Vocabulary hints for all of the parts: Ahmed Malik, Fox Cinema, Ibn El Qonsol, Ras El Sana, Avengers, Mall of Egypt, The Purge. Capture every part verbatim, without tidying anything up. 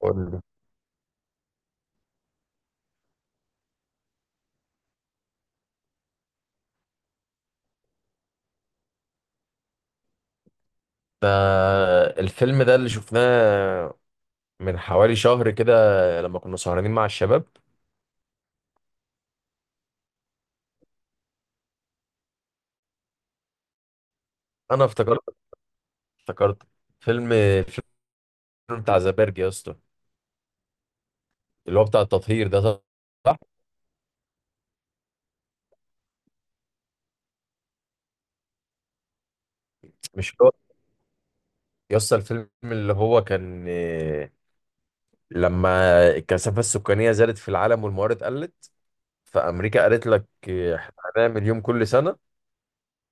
قول لي. ده الفيلم ده اللي شفناه من حوالي شهر كده، لما كنا سهرانين مع الشباب. انا افتكرت افتكرت فيلم الفيلم بتاع زبرج يا اسطى، اللي هو بتاع التطهير ده، صح؟ مش هو، يا اسطى، الفيلم اللي هو كان آه، لما الكثافة السكانية زادت في العالم والموارد قلت، فأمريكا قالت لك آه، احنا هنعمل يوم كل سنة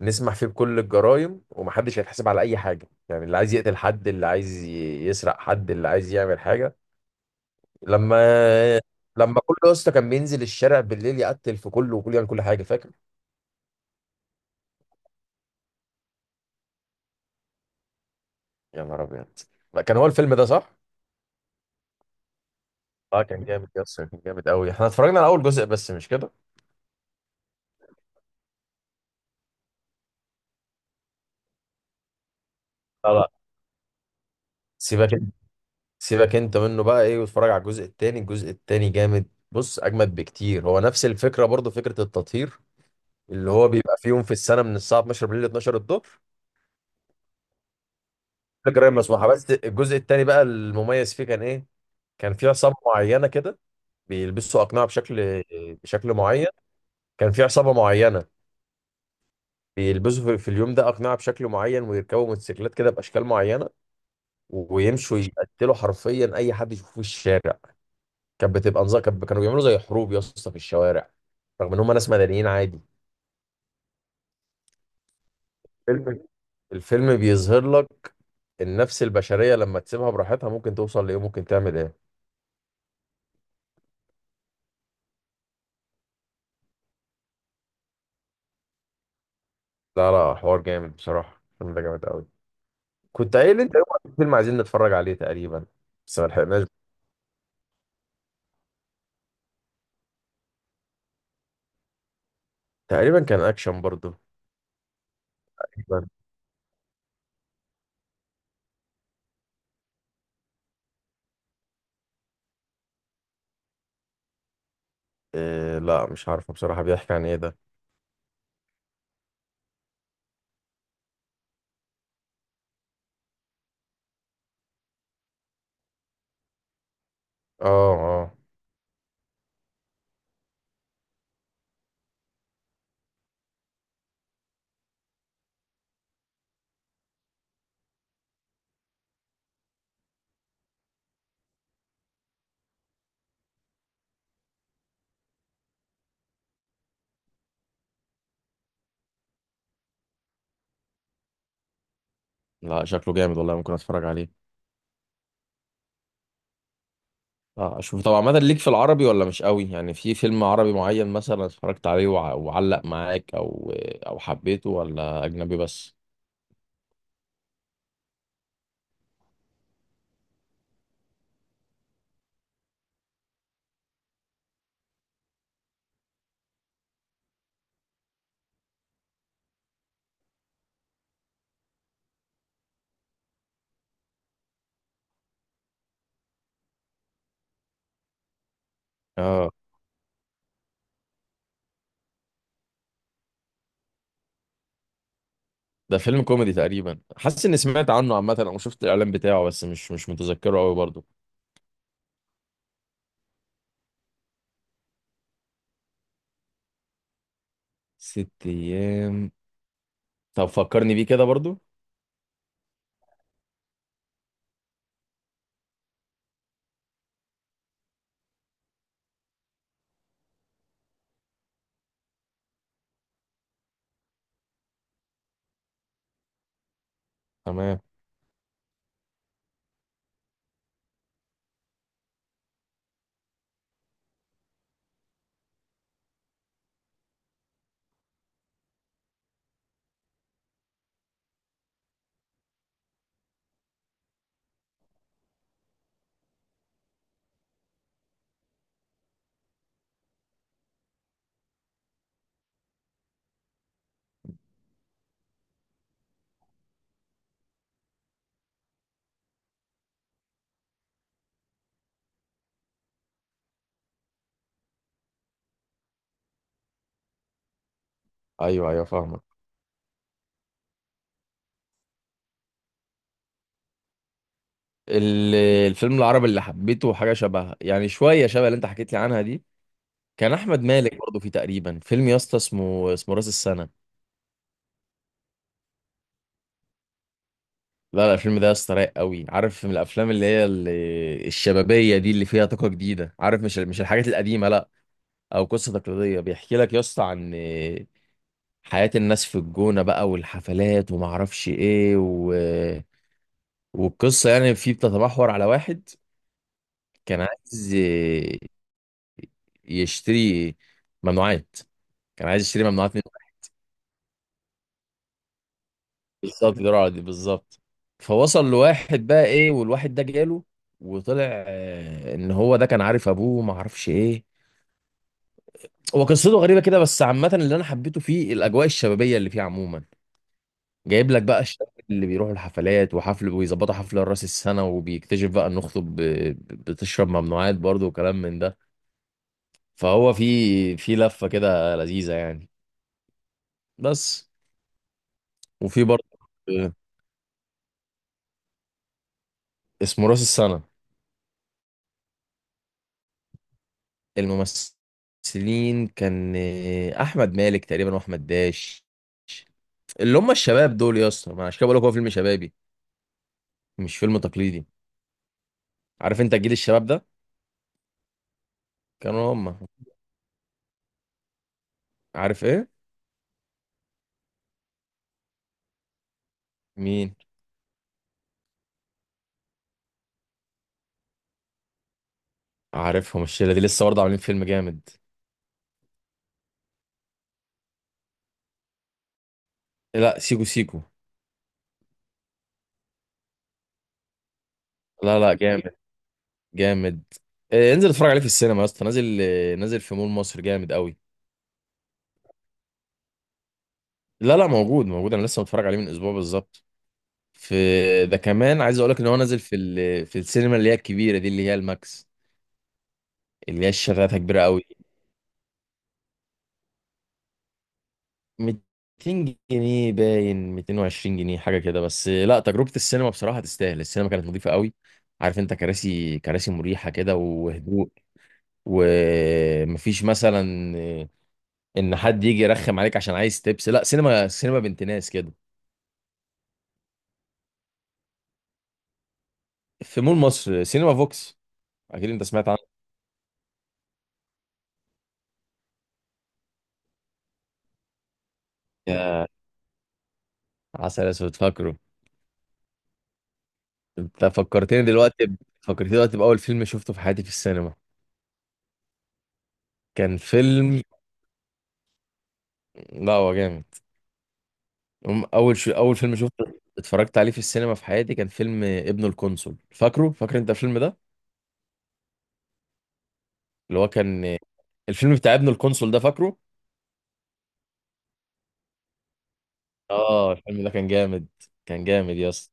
نسمح فيه بكل الجرائم ومحدش هيتحاسب على أي حاجة، يعني اللي عايز يقتل حد، اللي عايز ي- يسرق حد، اللي عايز يعمل حاجة. لما لما كله يا اسطى كان بينزل الشارع بالليل يقتل في كله وكل يعمل كل حاجه، فاكر؟ يا نهار ابيض! لا، كان هو الفيلم ده، صح. اه، كان جامد يا اسطى، كان جامد قوي. احنا اتفرجنا على اول جزء بس، مش كده؟ لا، لا، سيبك سيبك انت منه بقى ايه، واتفرج على الجزء التاني. الجزء التاني جامد، بص، اجمد بكتير. هو نفس الفكره برضه، فكره التطهير، اللي هو بيبقى في يوم في السنه، من الساعه اتناشر بالليل ل اتناشر الظهر. فكره غير مسموحه. بس الجزء التاني بقى، المميز فيه كان ايه؟ كان في عصابه معينه كده، بيلبسوا اقنعه بشكل بشكل معين. كان في عصابة معينة، بيلبسوا في في اليوم ده أقنعة بشكل معين، ويركبوا موتوسيكلات كده بأشكال معينة، ويمشوا يقتلوا حرفيا أي حد يشوفوه في الشارع. كانت بتبقى نظام. كان- كانوا بيعملوا زي حروب يا اسطى في الشوارع، رغم إن هم ناس مدنيين عادي. فيلم الفيلم بيظهر لك النفس البشرية لما تسيبها براحتها، ممكن توصل لإيه، ممكن تعمل إيه. لا، لا، حوار جامد بصراحة، الفيلم ده جامد قوي. كنت قايل أنت يوم فيلم عايزين نتفرج عليه تقريبا، بس ما لحقناش. تقريبا كان أكشن برضه. تقريباً. إيه؟ لا، مش عارفه بصراحة، بيحكي عن إيه ده؟ اه. اه. لا، شكله جامد والله، ممكن اتفرج عليه. اه، اشوف طبعا. عامه، ليك في العربي ولا مش قوي؟ يعني في فيلم عربي معين مثلا اتفرجت عليه وع- وعلق معاك، او او حبيته، ولا اجنبي بس؟ اه، ده فيلم كوميدي تقريبا، حاسس اني سمعت عنه عامه او شفت الاعلان بتاعه، بس مش مش متذكره قوي برضو. ست ايام؟ طب فكرني بيه كده برضو. تمام. ايوه، ايوه، فاهمك. ال- الفيلم العربي اللي حبيته حاجه شبه، يعني شويه شبه اللي انت حكيت لي عنها دي، كان احمد مالك برضه فيه تقريبا. فيلم يا اسطى اسمه اسمه راس السنه. لا، لا، الفيلم ده يا اسطى رايق قوي، عارف؟ من الافلام اللي هي ال- الشبابيه دي، اللي فيها طاقه جديده، عارف، مش مش الحاجات القديمه، لا، او قصه تقليديه. بيحكي لك يا اسطى عن آه، حياه الناس في الجونه بقى والحفلات، وما اعرفش ايه و... والقصه يعني فيه بتتمحور على واحد كان عايز آه، يشتري ممنوعات كان عايز يشتري ممنوعات. بالظبط، دراع دي بالظبط. فوصل لواحد بقى ايه، والواحد ده جاله، وطلع آه، ان هو ده كان عارف ابوه وما عارفش ايه. هو قصته غريبه كده، بس عامه اللي انا حبيته فيه الاجواء الشبابيه اللي فيه عموما. جايب لك بقى الشباب اللي بيروحوا الحفلات وحفل، ويظبطوا حفله راس السنه، وبيكتشف بقى ان اخته ب- ب- بتشرب ممنوعات برضه، وكلام من ده. فهو في في لفه كده لذيذه يعني. بس. وفي برضه. آه، اسمه راس السنه. الممثلين كان آه، احمد مالك تقريبا، واحمد داش، اللي هم الشباب دول يا اسطى. ما أنا عشان كده بقول لك هو فيلم شبابي، مش فيلم تقليدي، عارف انت جيل الشباب ده؟ كانوا هم. عارف ايه؟ مين؟ عارفهم الشله دي، لسه برضه عاملين فيلم جامد. لا، سيكو سيكو. لا، لا، جامد، جامد. آه، انزل اتفرج عليه في السينما يا اسطى، نازل آه، نازل في مول مصر، جامد قوي. لا، لا، موجود، موجود، انا لسه متفرج عليه من اسبوع بالظبط. في، ده كمان عايز اقول لك ان هو نازل في ال... في السينما اللي هي الكبيره دي، اللي هي الماكس، اللي هي الشغافة كبيرة قوي. ميتين جنيه باين ميتين وعشرين جنيه حاجة كده، بس لا، تجربة السينما بصراحة تستاهل. السينما كانت نظيفة قوي، عارف انت، كراسي كراسي مريحة كده، وهدوء، ومفيش مثلا ان حد يجي يرخم عليك عشان عايز تبس، لا، سينما سينما بنت ناس كده. في مول مصر، سينما فوكس، اكيد انت سمعت عنه. يا عسل اسود، فاكره؟ انت فكرتني دلوقتي ب- فكرتني دلوقتي باول فيلم شفته في حياتي في السينما. كان فيلم، لا هو جامد، أم- اول شو اول فيلم شفته، اتفرجت عليه في السينما في حياتي، كان فيلم ابن القنصل، فاكره، فاكر انت الفيلم ده، اللي هو كان، الفيلم بتاع ابن القنصل ده، فاكره؟ اه، الفيلم ده كان جامد، كان جامد يا اسطى.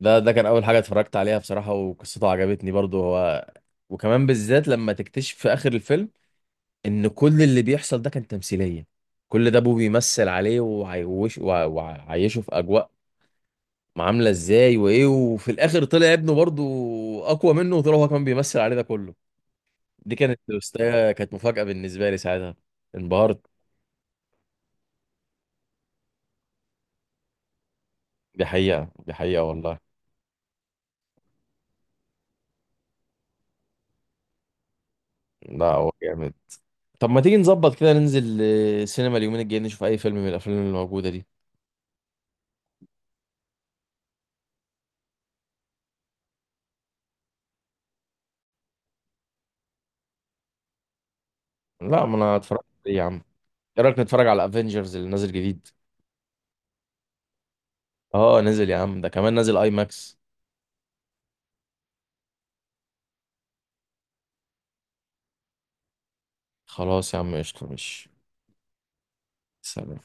ده ده كان اول حاجه اتفرجت عليها بصراحه، وقصته عجبتني برضو هو، وكمان بالذات لما تكتشف في اخر الفيلم ان كل اللي بيحصل ده كان تمثيليه، كل ده ابوه بيمثل عليه وعيوش وع- وعيشه في اجواء عامله ازاي وايه، وفي الاخر طلع ابنه برضو اقوى منه، وطلع هو كمان بيمثل عليه ده كله، دي كانت توستاية، كانت مفاجأة بالنسبة لي ساعتها، انبهرت. دي حقيقة، دي حقيقة والله. لا هو جامد. طب ما تيجي نظبط كده ننزل آه، سينما اليومين الجايين، نشوف أي فيلم من الأفلام اللي موجودة دي؟ لا، ما أنا هتفرج عليه يا عم. إيه رأيك نتفرج على أفينجرز اللي نازل جديد؟ أه، نازل يا عم، ده كمان نازل أي ماكس. خلاص يا عم، قشطة، مش. سلام.